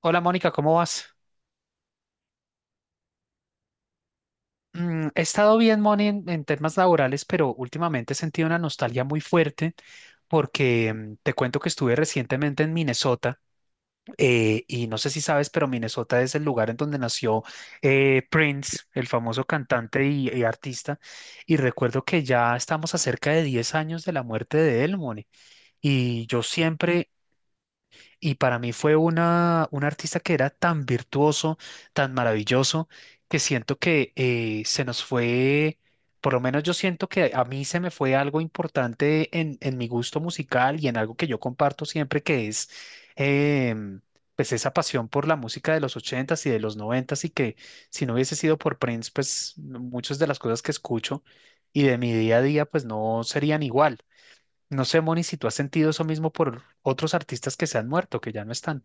Hola Mónica, ¿cómo vas? He estado bien, Moni, en temas laborales, pero últimamente he sentido una nostalgia muy fuerte porque te cuento que estuve recientemente en Minnesota y no sé si sabes, pero Minnesota es el lugar en donde nació Prince, el famoso cantante y artista. Y recuerdo que ya estamos a cerca de 10 años de la muerte de él, Moni. Y yo siempre Y para mí fue un artista que era tan virtuoso, tan maravilloso, que siento que se nos fue. Por lo menos yo siento que a mí se me fue algo importante en mi gusto musical y en algo que yo comparto siempre, que es em, pues esa pasión por la música de los ochentas y de los noventas, y que si no hubiese sido por Prince, pues muchas de las cosas que escucho y de mi día a día, pues no serían igual. No sé, Moni, si tú has sentido eso mismo por otros artistas que se han muerto, que ya no están.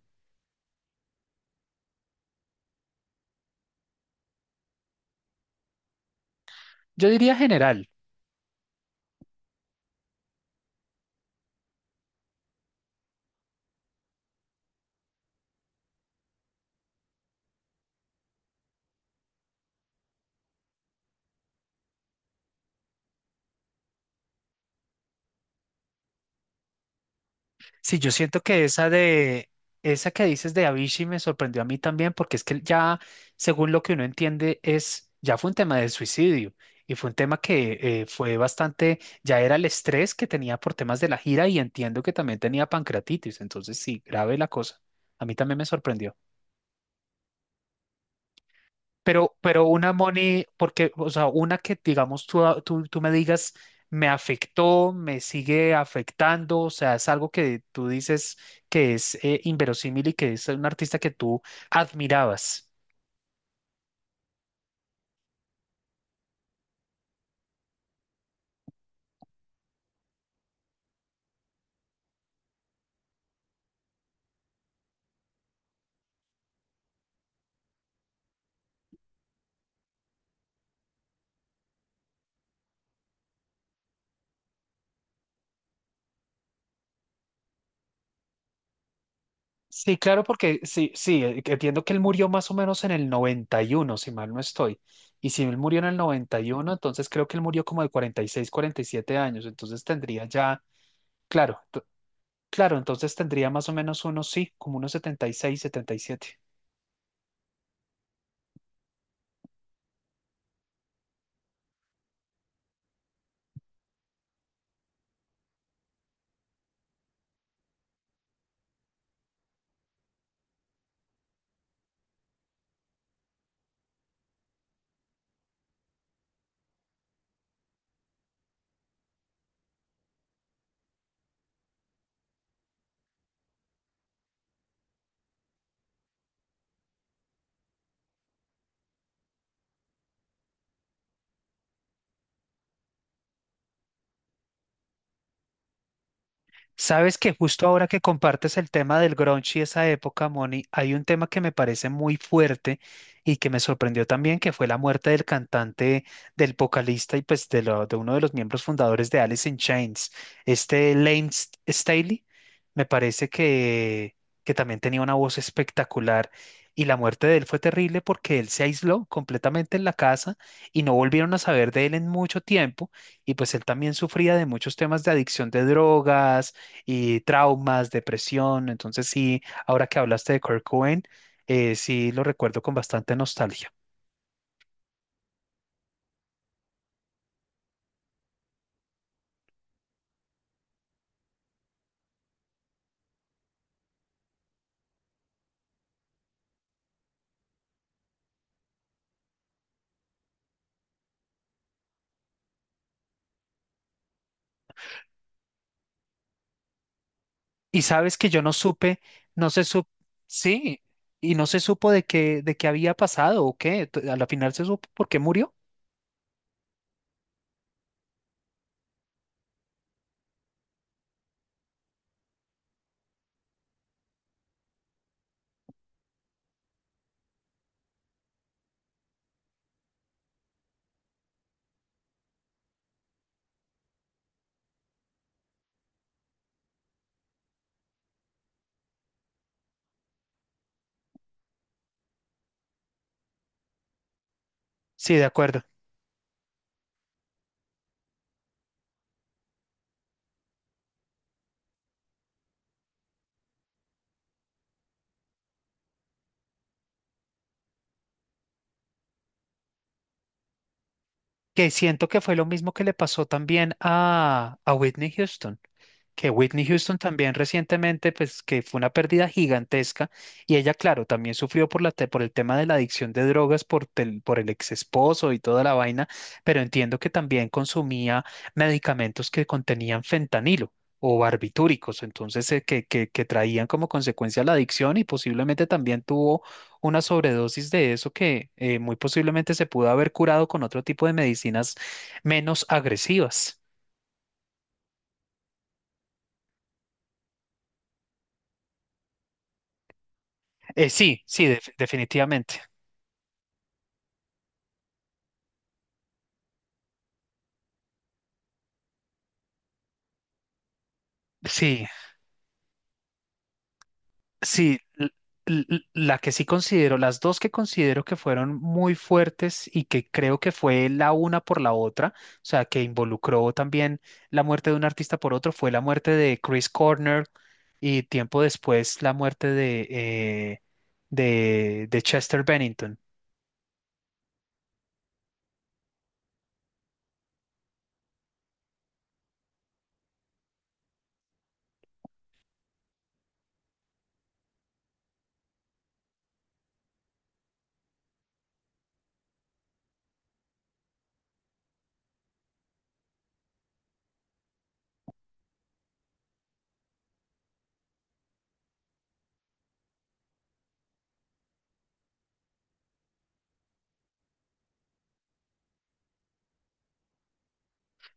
Yo diría general. Sí, yo siento que esa que dices de Avicii me sorprendió a mí también, porque es que ya, según lo que uno entiende, ya fue un tema de suicidio, y fue un tema que fue bastante, ya era el estrés que tenía por temas de la gira, y entiendo que también tenía pancreatitis. Entonces sí, grave la cosa. A mí también me sorprendió. Pero una, money, porque, o sea, una que digamos tú, tú me digas: me afectó, me sigue afectando, o sea, es algo que tú dices que es inverosímil, y que es un artista que tú admirabas. Sí, claro, porque sí, sí, que entiendo que él murió más o menos en el 91, si mal no estoy. Y si él murió en el 91, entonces creo que él murió como de 40, 46, 47 años. Entonces tendría ya, claro, claro, entonces tendría más o menos unos, sí, como unos 70, 76, 77. Sabes que justo ahora que compartes el tema del grunge y esa época, Moni, hay un tema que me parece muy fuerte y que me sorprendió también, que fue la muerte del cantante, del vocalista y pues de uno de los miembros fundadores de Alice in Chains, este Lane Staley. Me parece que también tenía una voz espectacular, y la muerte de él fue terrible porque él se aisló completamente en la casa y no volvieron a saber de él en mucho tiempo, y pues él también sufría de muchos temas de adicción de drogas y traumas, depresión. Entonces sí, ahora que hablaste de Kurt Cobain, sí lo recuerdo con bastante nostalgia. Y sabes que yo no supe, no se supo, sí, y no se supo de qué había pasado o qué. A la final se supo por qué murió. Sí, de acuerdo. Que siento que fue lo mismo que le pasó también a Whitney Houston. Que Whitney Houston también recientemente, pues, que fue una pérdida gigantesca, y ella, claro, también sufrió por por el tema de la adicción de drogas, por el ex esposo y toda la vaina, pero entiendo que también consumía medicamentos que contenían fentanilo o barbitúricos. Entonces que traían como consecuencia la adicción, y posiblemente también tuvo una sobredosis de eso, que muy posiblemente se pudo haber curado con otro tipo de medicinas menos agresivas. Sí, sí, definitivamente. Sí, sí, la que sí considero, las dos que considero que fueron muy fuertes y que creo que fue la una por la otra, o sea, que involucró también la muerte de un artista por otro, fue la muerte de Chris Cornell y tiempo después la muerte de Chester Bennington.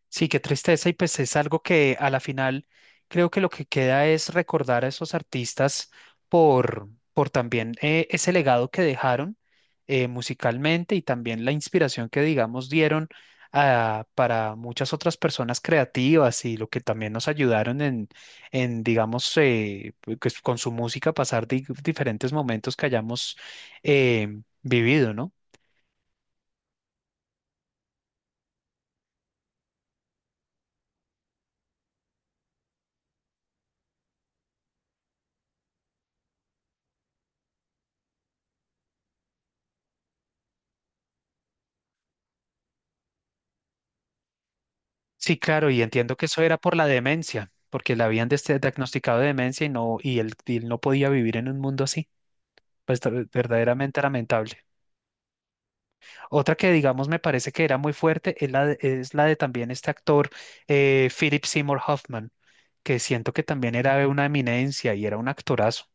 Sí, qué tristeza. Y pues es algo que a la final creo que lo que queda es recordar a esos artistas por también ese legado que dejaron musicalmente, y también la inspiración que digamos dieron para muchas otras personas creativas, y lo que también nos ayudaron en digamos pues, con su música, pasar diferentes momentos que hayamos eh, vivido, ¿no? Sí, claro, y entiendo que eso era por la demencia, porque le habían diagnosticado de demencia y no, y él no podía vivir en un mundo así. Pues verdaderamente lamentable. Otra que digamos me parece que era muy fuerte es la de también este actor, Philip Seymour Hoffman, que siento que también era una eminencia y era un actorazo.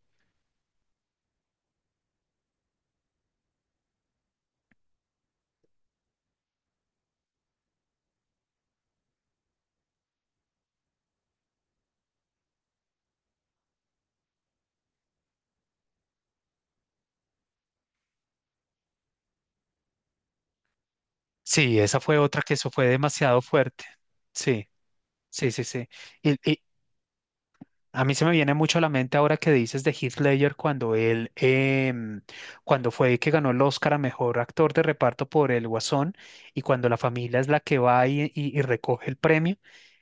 Sí, esa fue otra que eso fue demasiado fuerte. Sí, sí, sí, sí. Y, y, A mí se me viene mucho a la mente ahora que dices de Heath Ledger, cuando cuando fue que ganó el Oscar a mejor actor de reparto por El Guasón, y cuando la familia es la que va y recoge el premio,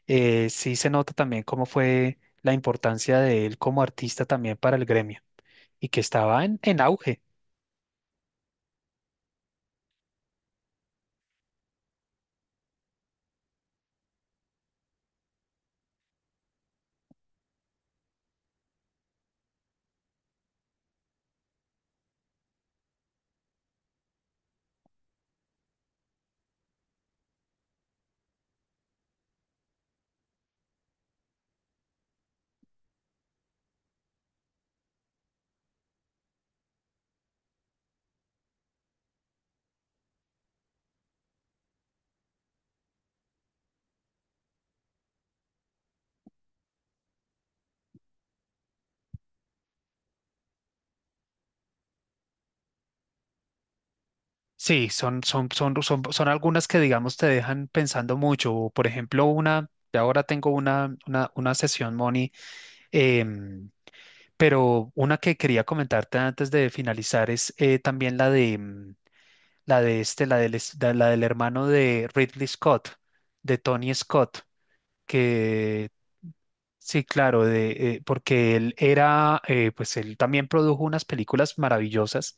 sí se nota también cómo fue la importancia de él como artista también para el gremio, y que estaba en auge. Sí, son algunas que digamos te dejan pensando mucho. Por ejemplo, de ahora tengo una sesión, Moni. em, Pero una que quería comentarte antes de finalizar es también la de mm, la de este, la del hermano de Ridley Scott, de Tony Scott. Que sí, claro, porque él era, pues él también produjo unas películas maravillosas,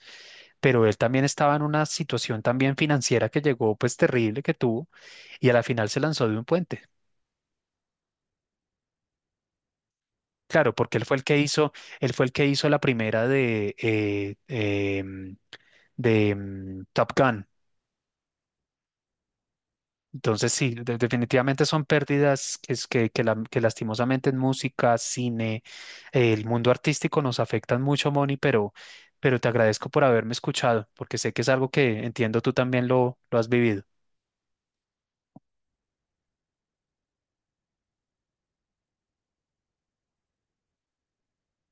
pero él también estaba en una situación también financiera que llegó, pues terrible que tuvo, y a la final se lanzó de un puente. Claro, porque él fue el que hizo, él fue el que hizo la primera de Top Gun. Entonces, sí, definitivamente son pérdidas que, es- que la- que lastimosamente en música, cine, el mundo artístico nos afectan mucho, Moni. Pero, te agradezco por haberme escuchado, porque sé que es algo que, entiendo, tú también lo has vivido.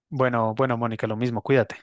Bueno, bueno, Mónica, lo mismo, cuídate.